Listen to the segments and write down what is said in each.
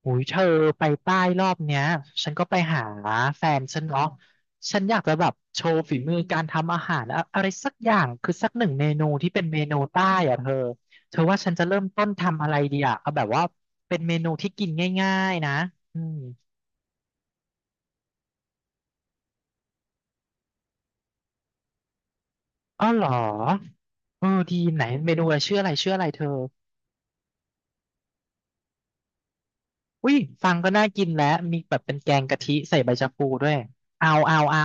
โอ้ยเธอไปใต้รอบเนี้ยฉันก็ไปหาแฟนฉันเนาะฉันอยากจะแบบโชว์ฝีมือการทำอาหารอะอะไรสักอย่างคือสักหนึ่งเมนูที่เป็นเมนูใต้อะเธอเธอว่าฉันจะเริ่มต้นทำอะไรดีอะเอาแบบว่าเป็นเมนูที่กินง่ายๆนะอืมอ้อเหรอเออดีไหนเมนูอะไรชื่ออะไรเธออุ้ยฟังก็น่ากินแล้วมีแบบเป็นแกงกะทิใส่ใบชะพูด้วยเอา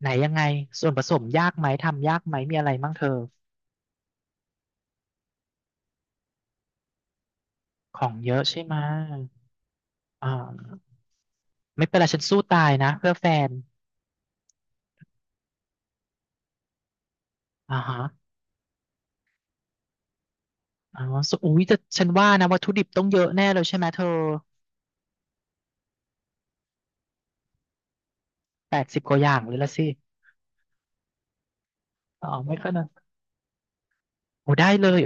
ไหนยังไงส่วนผสมยากไหมทำยากไหมมีอะไรบ้งเธอ ของเยอะใช่ไหมอ่าไม่เป็นไรฉันสู้ตายนะเพื่อแฟนอ่าฮะอ๋อสอุ้ยแต่ฉันว่านะวัตถุดิบต้องเยอะแน่เลยใช่ไหมเธอแปดสิบกว่าอย่างเลยละสิอ๋อไม่ขนาดโอ้ได้เลย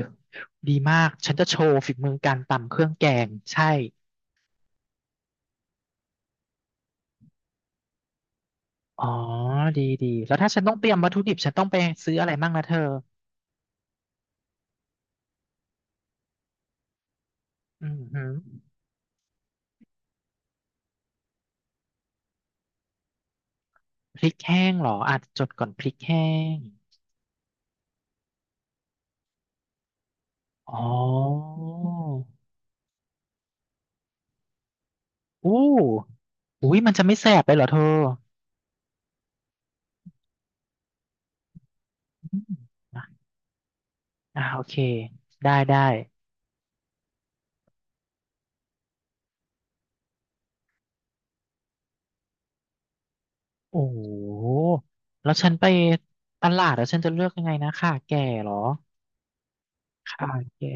ดีมากฉันจะโชว์ฝีมือการตำเครื่องแกงใช่อ๋อดีดี แล้วถ้าฉันต้องเตรียมวัตถุดิบฉันต้องไปซื้ออะไรบ้างนะเธออืมฮึพริกแห้งเหรอ อาจจดก่อนพริกแห้งอ๋ออู้อุ้ยมันจะไม่แสบไปเหรอเธอ อ่ะอ่าโอเคได้ได้โอ้โหแล้วฉันไปตลาดแล้วฉันจะเลือกยังไงนะข่าแก่เหรอค่ะแก่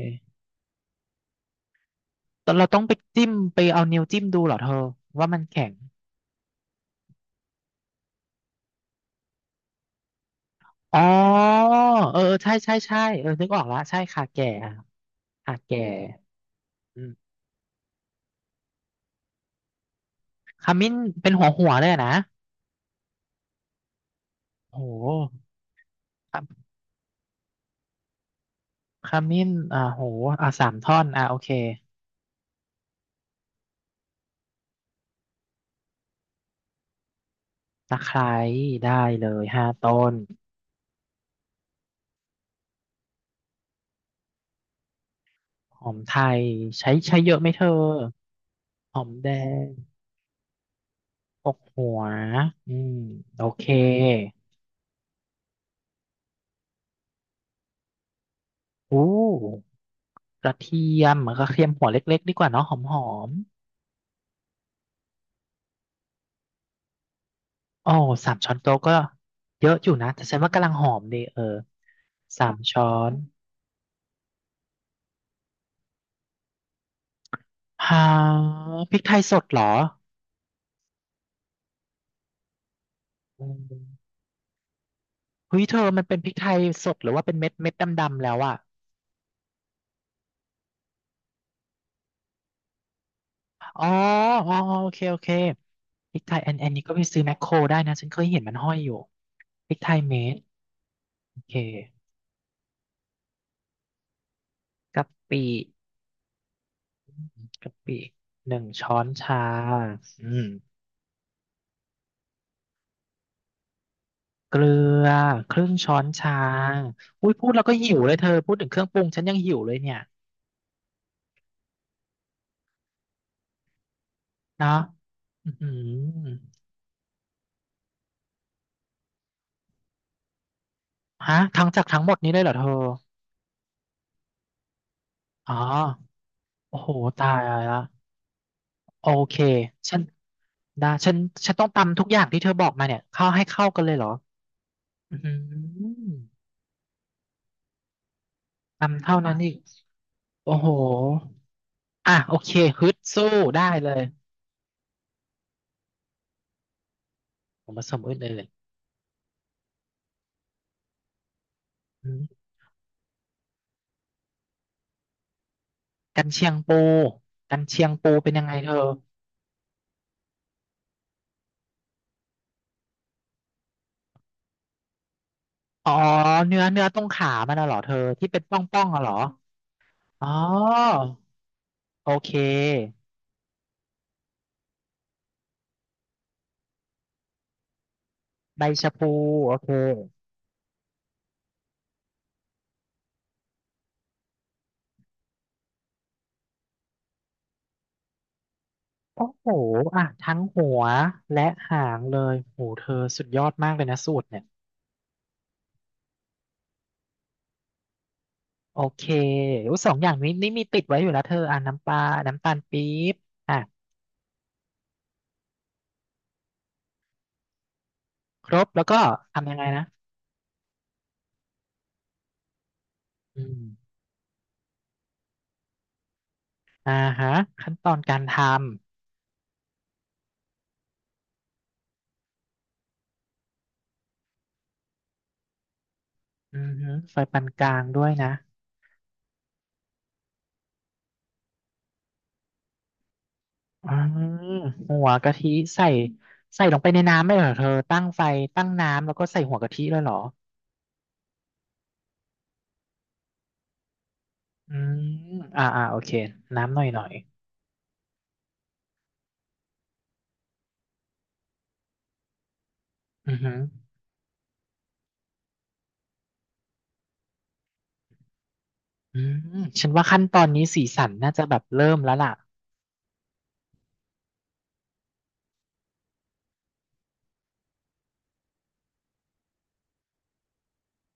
แต่เราต้องไปจิ้มไปเอานิ้วจิ้มดูเหรอเธอว่ามันแข็งอ๋อเออเออใช่ใช่ใช่เออนึกออกละใช่ข่าแก่อ่ะข่าแก่อืมขมิ้นเป็นหัวหัวเลยอะนะโอ้โขขมิ้นอ่าโหอ่าสามท่อนอ่าโอเคตะไคร้ได้เลยห้าต้น หอมไทยใช้ใช้เยอะไหมเธอหอมแดงหกหัวอืมโอเคอู้กระเทียมกระเทียมหัวเล็กๆดีกว่าเนาะหอมหอมอ๋อสามช้อนโต๊ะก็เยอะอยู่นะแต่ฉันว่ากำลังหอมดีเออสามช้อนฮาพริกไทยสดเหรออืมเฮ้ยเธอมันเป็นพริกไทยสดหรือว่าเป็นเม็ดเม็ดดำๆแล้วอะอ๋ออ๋อโอเคพริกไทยอันนี้ก็ไปซื้อแมคโครได้นะฉันเคยเห็นมันห้อยอยู่พริกไทยเม็ด เคกะปิกะปิหนึ่งช้อนชาอืมเกลือครึ่งช้อนชาอุ้ยพูดแล้วก็หิวเลยเธอพูดถึงเครื่องปรุงฉันยังหิวเลยเนี่ยเนาะอือหือฮะทั้งจากทั้งหมดนี้เลยเหรอเธออ๋อโอ้โหตายละโอเคฉันได้ฉันต้องตำทุกอย่างที่เธอบอกมาเนี่ยเข้าให้เข้ากันเลยเหรออือหือตำเท่านั้นอีกโอ้โหอ่ะโอเคฮึดสู้ได้เลยผมผสมอื่นเลย อืมกันเชียงปูกันเชียงปูเป็นยังไงเธออ๋อเนื้อเนื้อตรงขามันน่ะเหรอเธอที่เป็นป่องป่องอะเหรออ๋อโอเคใบชะพูโอเคโอ้โหอ่ะทั้งหัวและหางเลยโหเธอสุดยอดมากเลยนะสูตรเนี่ยโอเคอยสองอย่างนี้นี่มีติดไว้อยู่แล้วเธออ่ะน้ำปลาน้ำตาลปี๊บอ่ะครบแล้วก็ทำยังไงนะอืมอ่าฮะขั้นตอนการทำอือฮึไฟปานกลางด้วยนะ อ่าหัวกะทิใส่ใส่ลงไปในน้ำไม่เหรอเธอตั้งไฟตั้งน้ำแล้วก็ใส่หัวกะทิเลยเหรออืมอ่าอ่าโอเคน้ำหน่อยหน่อยอือหืออืมฉันว่าขั้นตอนนี้สีสันน่าจะแบบเริ่มแล้วล่ะ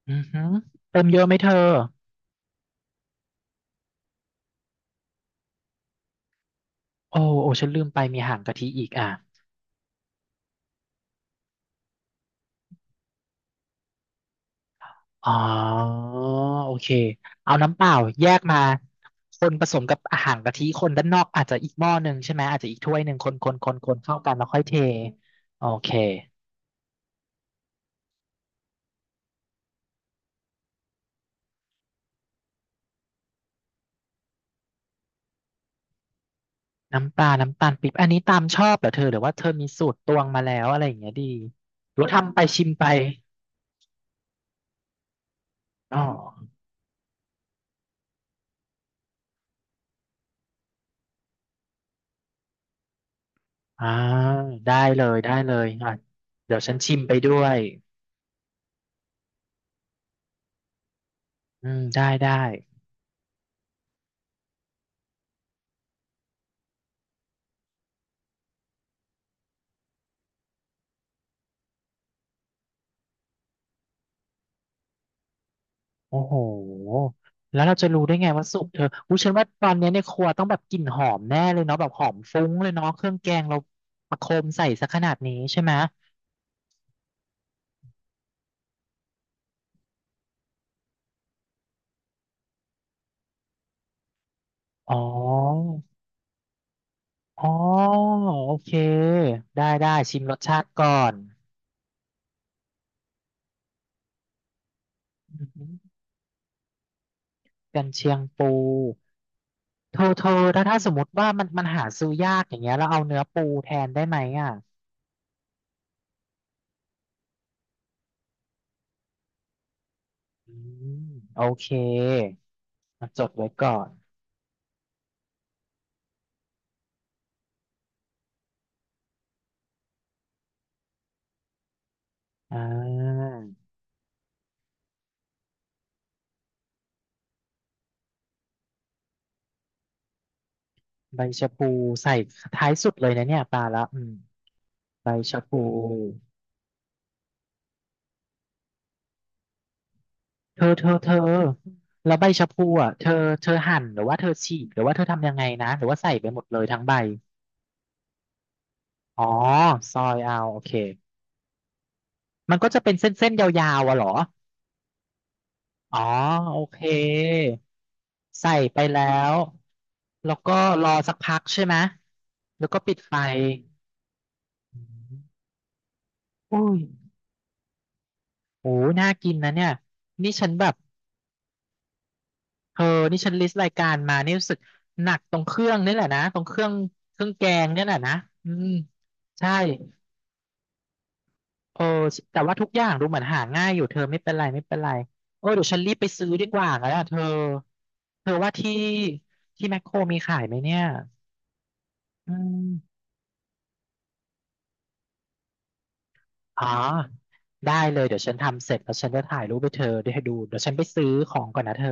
อือหือเติมเยอะไหมเธอโอ้โอ้ฉันลืมไปมีหางกะทิอีกอ่ะอ๋อโอเคเอาน้ำเปล่าแยกมาคนผสมกับอาหารกะทิคนด้านนอกอาจจะอีกหม้อหนึ่งใช่ไหมอาจจะอีกถ้วยหนึ่งคนเข้ากันแล้วค่อยเทโอเค น้ำปลาน้ำตาลปี๊บอันนี้ตามชอบเหรอเธอหรือว่าเธอมีสูตรตวงมาแล้วอะไรอย่างเงี้ยดีหรือว่าทำไปชิมไปอ๋ออ่าได้เลยได้เลยอ่ะเดี๋ยวฉันชิมไปด้วยอืมได้ได้โอ้โหแล้วเราจะรู้ได้ไงว่าสุกเธออุ้ยฉันว่าตอนเนี้ยในครัวต้องแบบกลิ่นหอมแน่เลยเนาะแบบหอมฟุ้งเลยเนาะเครื่องแกงเราประโคมใส่ซะขนาดนี้ใช่ไหมอ๋ออ๋อโอเคได้ได้ชิมรสชาติก่อนอืม กันเชียงปูเธอถ้าถ้าสมมติว่ามันมันหาซื้อยากอย่างเงี้ยแล้วเอาเนื้อปูแทนได้ไหมอ่ะอืมโอเคมาจดไว้ก่อนอ่าใบชะพูใส่ท้ายสุดเลยนะเนี่ยปลาละอืมใบชะพูเธอแล้วใบชะพูอ่ะเธอเธอหั่นหรือว่าเธอฉีกหรือว่าเธอทำยังไงนะหรือว่าใส่ไปหมดเลยทั้งใบอ๋อซอยเอาโอเคมันก็จะเป็นเส้นๆยาวๆอ่ะเหรอ อ๋อโอเคใส่ไปแล้วแล้วก็รอสักพักใช่ไหมแล้วก็ปิดไฟอืมอุ้ยโอ้น่ากินนะเนี่ยนี่ฉันแบบเธอนี่ฉันลิสต์รายการมานี่รู้สึกหนักตรงเครื่องนี่แหละนะตรงเครื่องเครื่องแกงนี่แหละนะอืมใช่เออแต่ว่าทุกอย่างดูเหมือนหาง่ายอยู่เธอไม่เป็นไรไม่เป็นไรเออเดี๋ยวฉันรีบไปซื้อดีกว่าแล้วเธอเธอว่าที่ที่แมคโครมีขายไหมเนี่ยอืม อ๋อได้เลยเดี๋ยวฉันทำเสร็จแล้วฉันจะถ่ายรูปไปเธอไดให้ดูเดี๋ยวฉันไปซื้อของก่อนนะเธอ